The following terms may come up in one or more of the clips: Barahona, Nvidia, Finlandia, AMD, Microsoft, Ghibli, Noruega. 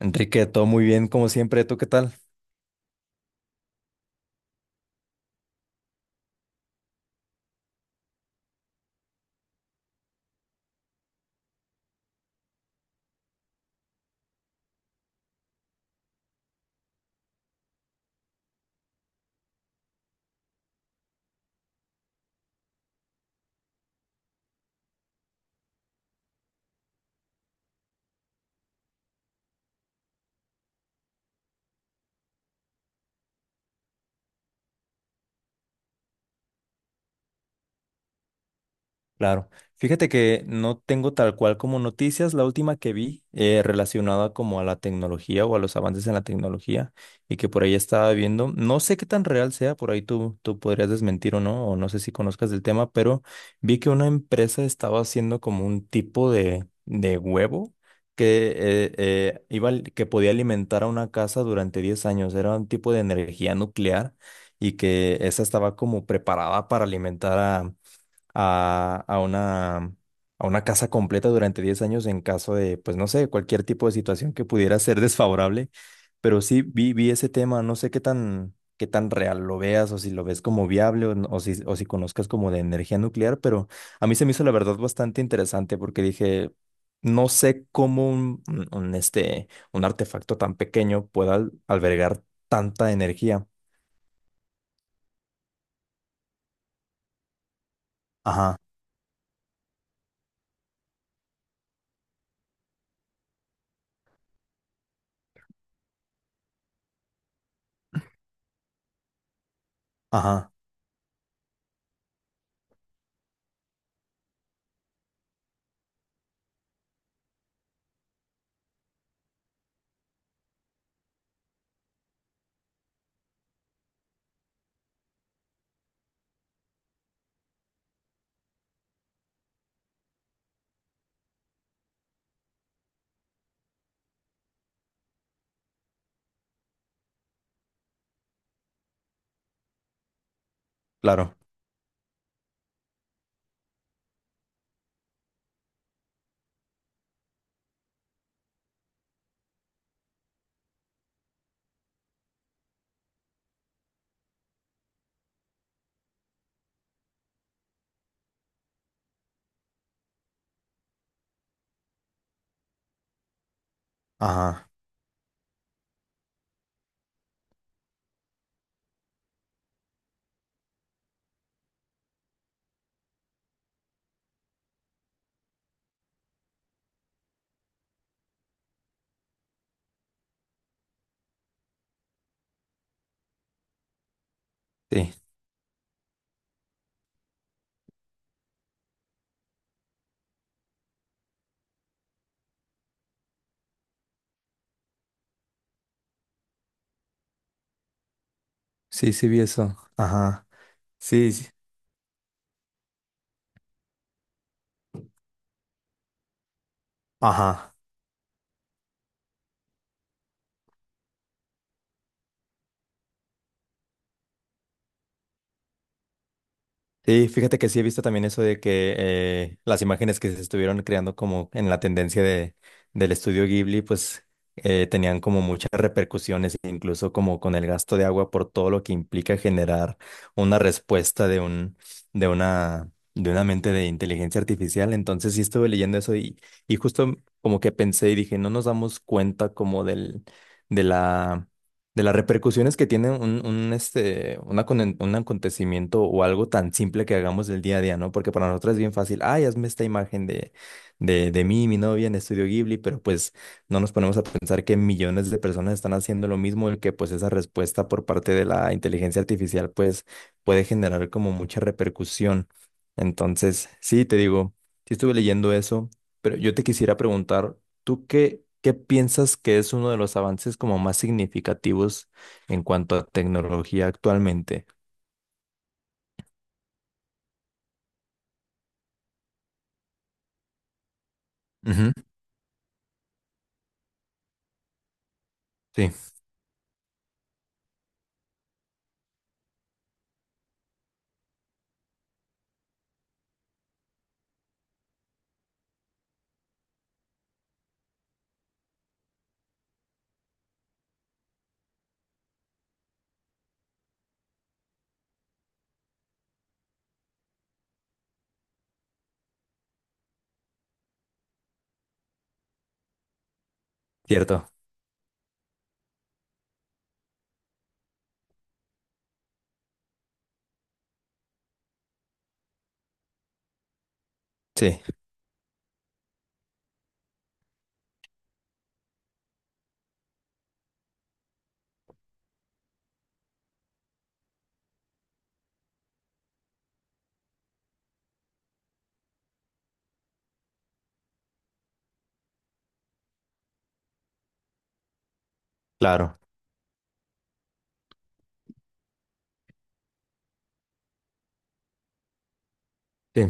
Enrique, todo muy bien, como siempre. ¿Tú qué tal? Claro. Fíjate que no tengo tal cual como noticias. La última que vi relacionada como a la tecnología o a los avances en la tecnología y que por ahí estaba viendo, no sé qué tan real sea, por ahí tú podrías desmentir o no sé si conozcas del tema, pero vi que una empresa estaba haciendo como un tipo de huevo que, iba, que podía alimentar a una casa durante 10 años. Era un tipo de energía nuclear y que esa estaba como preparada para alimentar a, a una, a una casa completa durante 10 años en caso de, pues no sé, cualquier tipo de situación que pudiera ser desfavorable. Pero sí vi ese tema, no sé qué tan real lo veas o si lo ves como viable o, o si conozcas como de energía nuclear, pero a mí se me hizo la verdad bastante interesante porque dije, no sé cómo un artefacto tan pequeño pueda albergar tanta energía. Ajá, ajá, claro, ajá, sí. Sí, sí vi eso. Ajá. Sí, sí. Ajá. Sí, fíjate que sí he visto también eso de que las imágenes que se estuvieron creando como en la tendencia del estudio Ghibli, pues tenían como muchas repercusiones, incluso como con el gasto de agua por todo lo que implica generar una respuesta de una mente de inteligencia artificial. Entonces sí estuve leyendo eso y justo como que pensé y dije, no nos damos cuenta como de la de las repercusiones que tiene un, este, una conen- un acontecimiento o algo tan simple que hagamos del día a día, ¿no? Porque para nosotros es bien fácil, ay, hazme esta imagen de mí, mi novia en Estudio Ghibli, pero pues no nos ponemos a pensar que millones de personas están haciendo lo mismo y que pues esa respuesta por parte de la inteligencia artificial pues puede generar como mucha repercusión. Entonces, sí, te digo, sí estuve leyendo eso, pero yo te quisiera preguntar, ¿tú qué, qué piensas que es uno de los avances como más significativos en cuanto a tecnología actualmente? Ujú, sí, cierto. Sí, claro. Sí.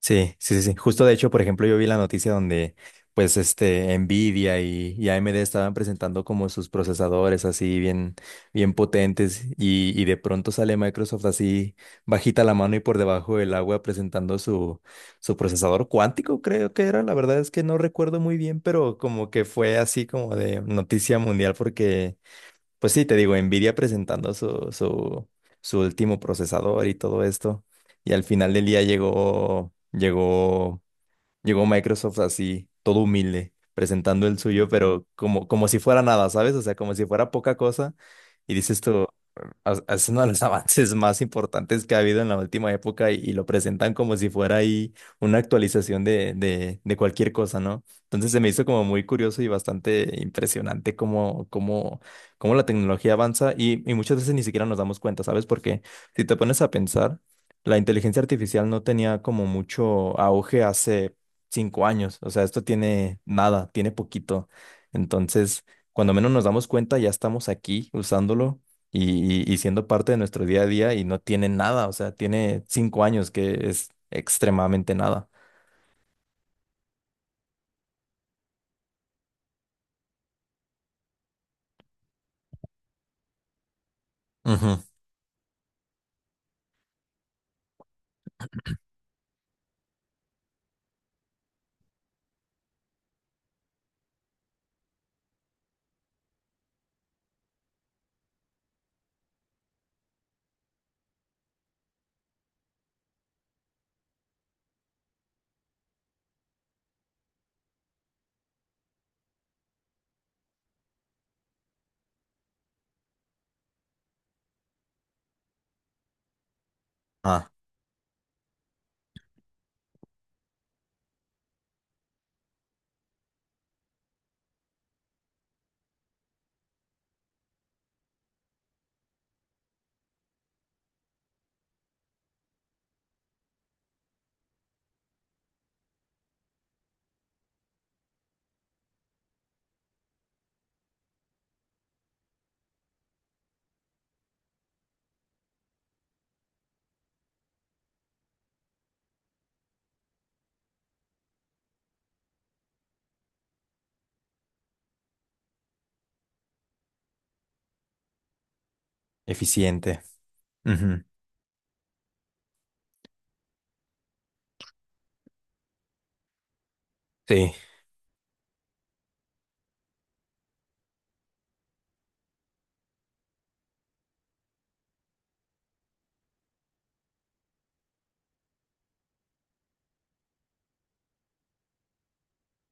Sí, sí, sí, sí. Justo de hecho, por ejemplo, yo vi la noticia donde pues este Nvidia y AMD estaban presentando como sus procesadores así bien, bien potentes y de pronto sale Microsoft así bajita la mano y por debajo del agua presentando su procesador cuántico, creo que era. La verdad es que no recuerdo muy bien, pero como que fue así como de noticia mundial porque pues sí, te digo, Nvidia presentando su último procesador y todo esto. Y al final del día llegó llegó Microsoft así, todo humilde, presentando el suyo, pero como, como si fuera nada, ¿sabes? O sea, como si fuera poca cosa. Y dices tú, "Ah, ah, es uno de los avances más importantes que ha habido en la última época y lo presentan como si fuera ahí una actualización de cualquier cosa, ¿no? Entonces se me hizo como muy curioso y bastante impresionante cómo, cómo, cómo la tecnología avanza y muchas veces ni siquiera nos damos cuenta, ¿sabes? Porque si te pones a pensar, la inteligencia artificial no tenía como mucho auge hace 5 años. O sea, esto tiene nada, tiene poquito. Entonces, cuando menos nos damos cuenta, ya estamos aquí usándolo y siendo parte de nuestro día a día y no tiene nada. O sea, tiene 5 años que es extremadamente nada. Ujú. Ah, eficiente. Ujú. Sí,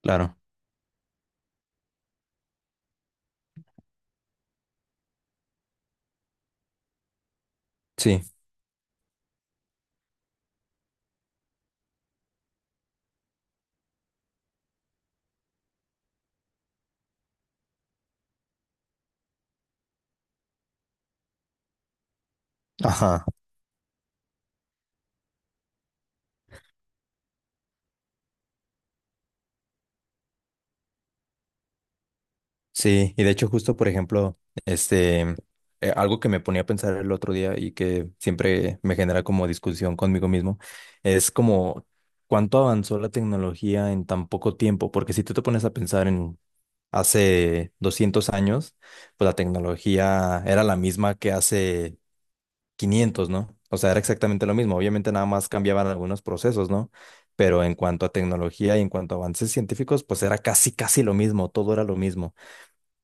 claro. Sí. Ajá. Sí, y de hecho justo, por ejemplo, este, algo que me ponía a pensar el otro día y que siempre me genera como discusión conmigo mismo, es como cuánto avanzó la tecnología en tan poco tiempo, porque si tú te pones a pensar en hace 200 años, pues la tecnología era la misma que hace 500, ¿no? O sea, era exactamente lo mismo, obviamente nada más cambiaban algunos procesos, ¿no? Pero en cuanto a tecnología y en cuanto a avances científicos, pues era casi, casi lo mismo, todo era lo mismo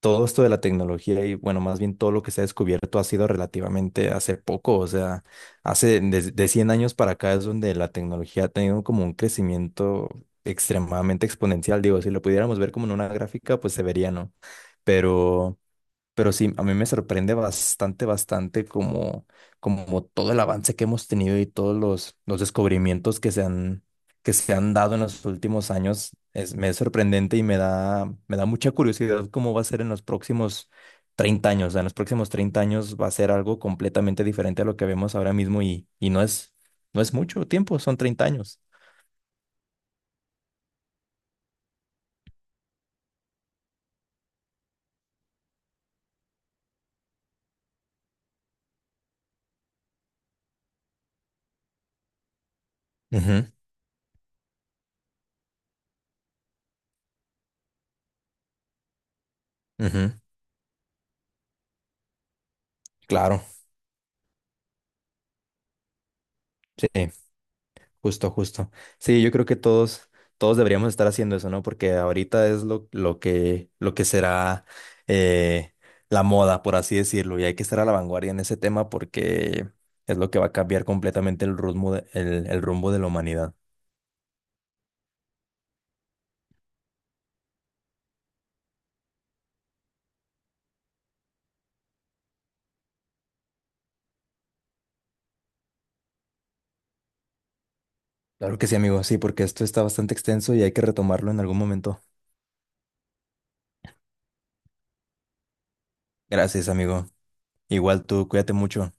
todo esto de la tecnología y bueno, más bien todo lo que se ha descubierto ha sido relativamente hace poco, o sea, hace de 100 años para acá es donde la tecnología ha tenido como un crecimiento extremadamente exponencial, digo, si lo pudiéramos ver como en una gráfica, pues se vería, ¿no? Pero pero sí, a mí me sorprende bastante, bastante como, como todo el avance que hemos tenido y todos los descubrimientos que se han dado en los últimos años. Es, me es sorprendente y me da mucha curiosidad cómo va a ser en los próximos 30 años. O sea, en los próximos 30 años va a ser algo completamente diferente a lo que vemos ahora mismo y no es, no es mucho tiempo, son 30 años. Ujú, ujú, claro, sí. Justo, justo. Sí, yo creo que todos, todos deberíamos estar haciendo eso, ¿no? Porque ahorita es lo que será eh, la moda, por así decirlo, y hay que estar a la vanguardia en ese tema porque es lo que va a cambiar completamente el rumbo de la humanidad. Claro que sí, amigo, sí, porque esto está bastante extenso y hay que retomarlo en algún momento. Gracias, amigo. Igual tú, cuídate mucho.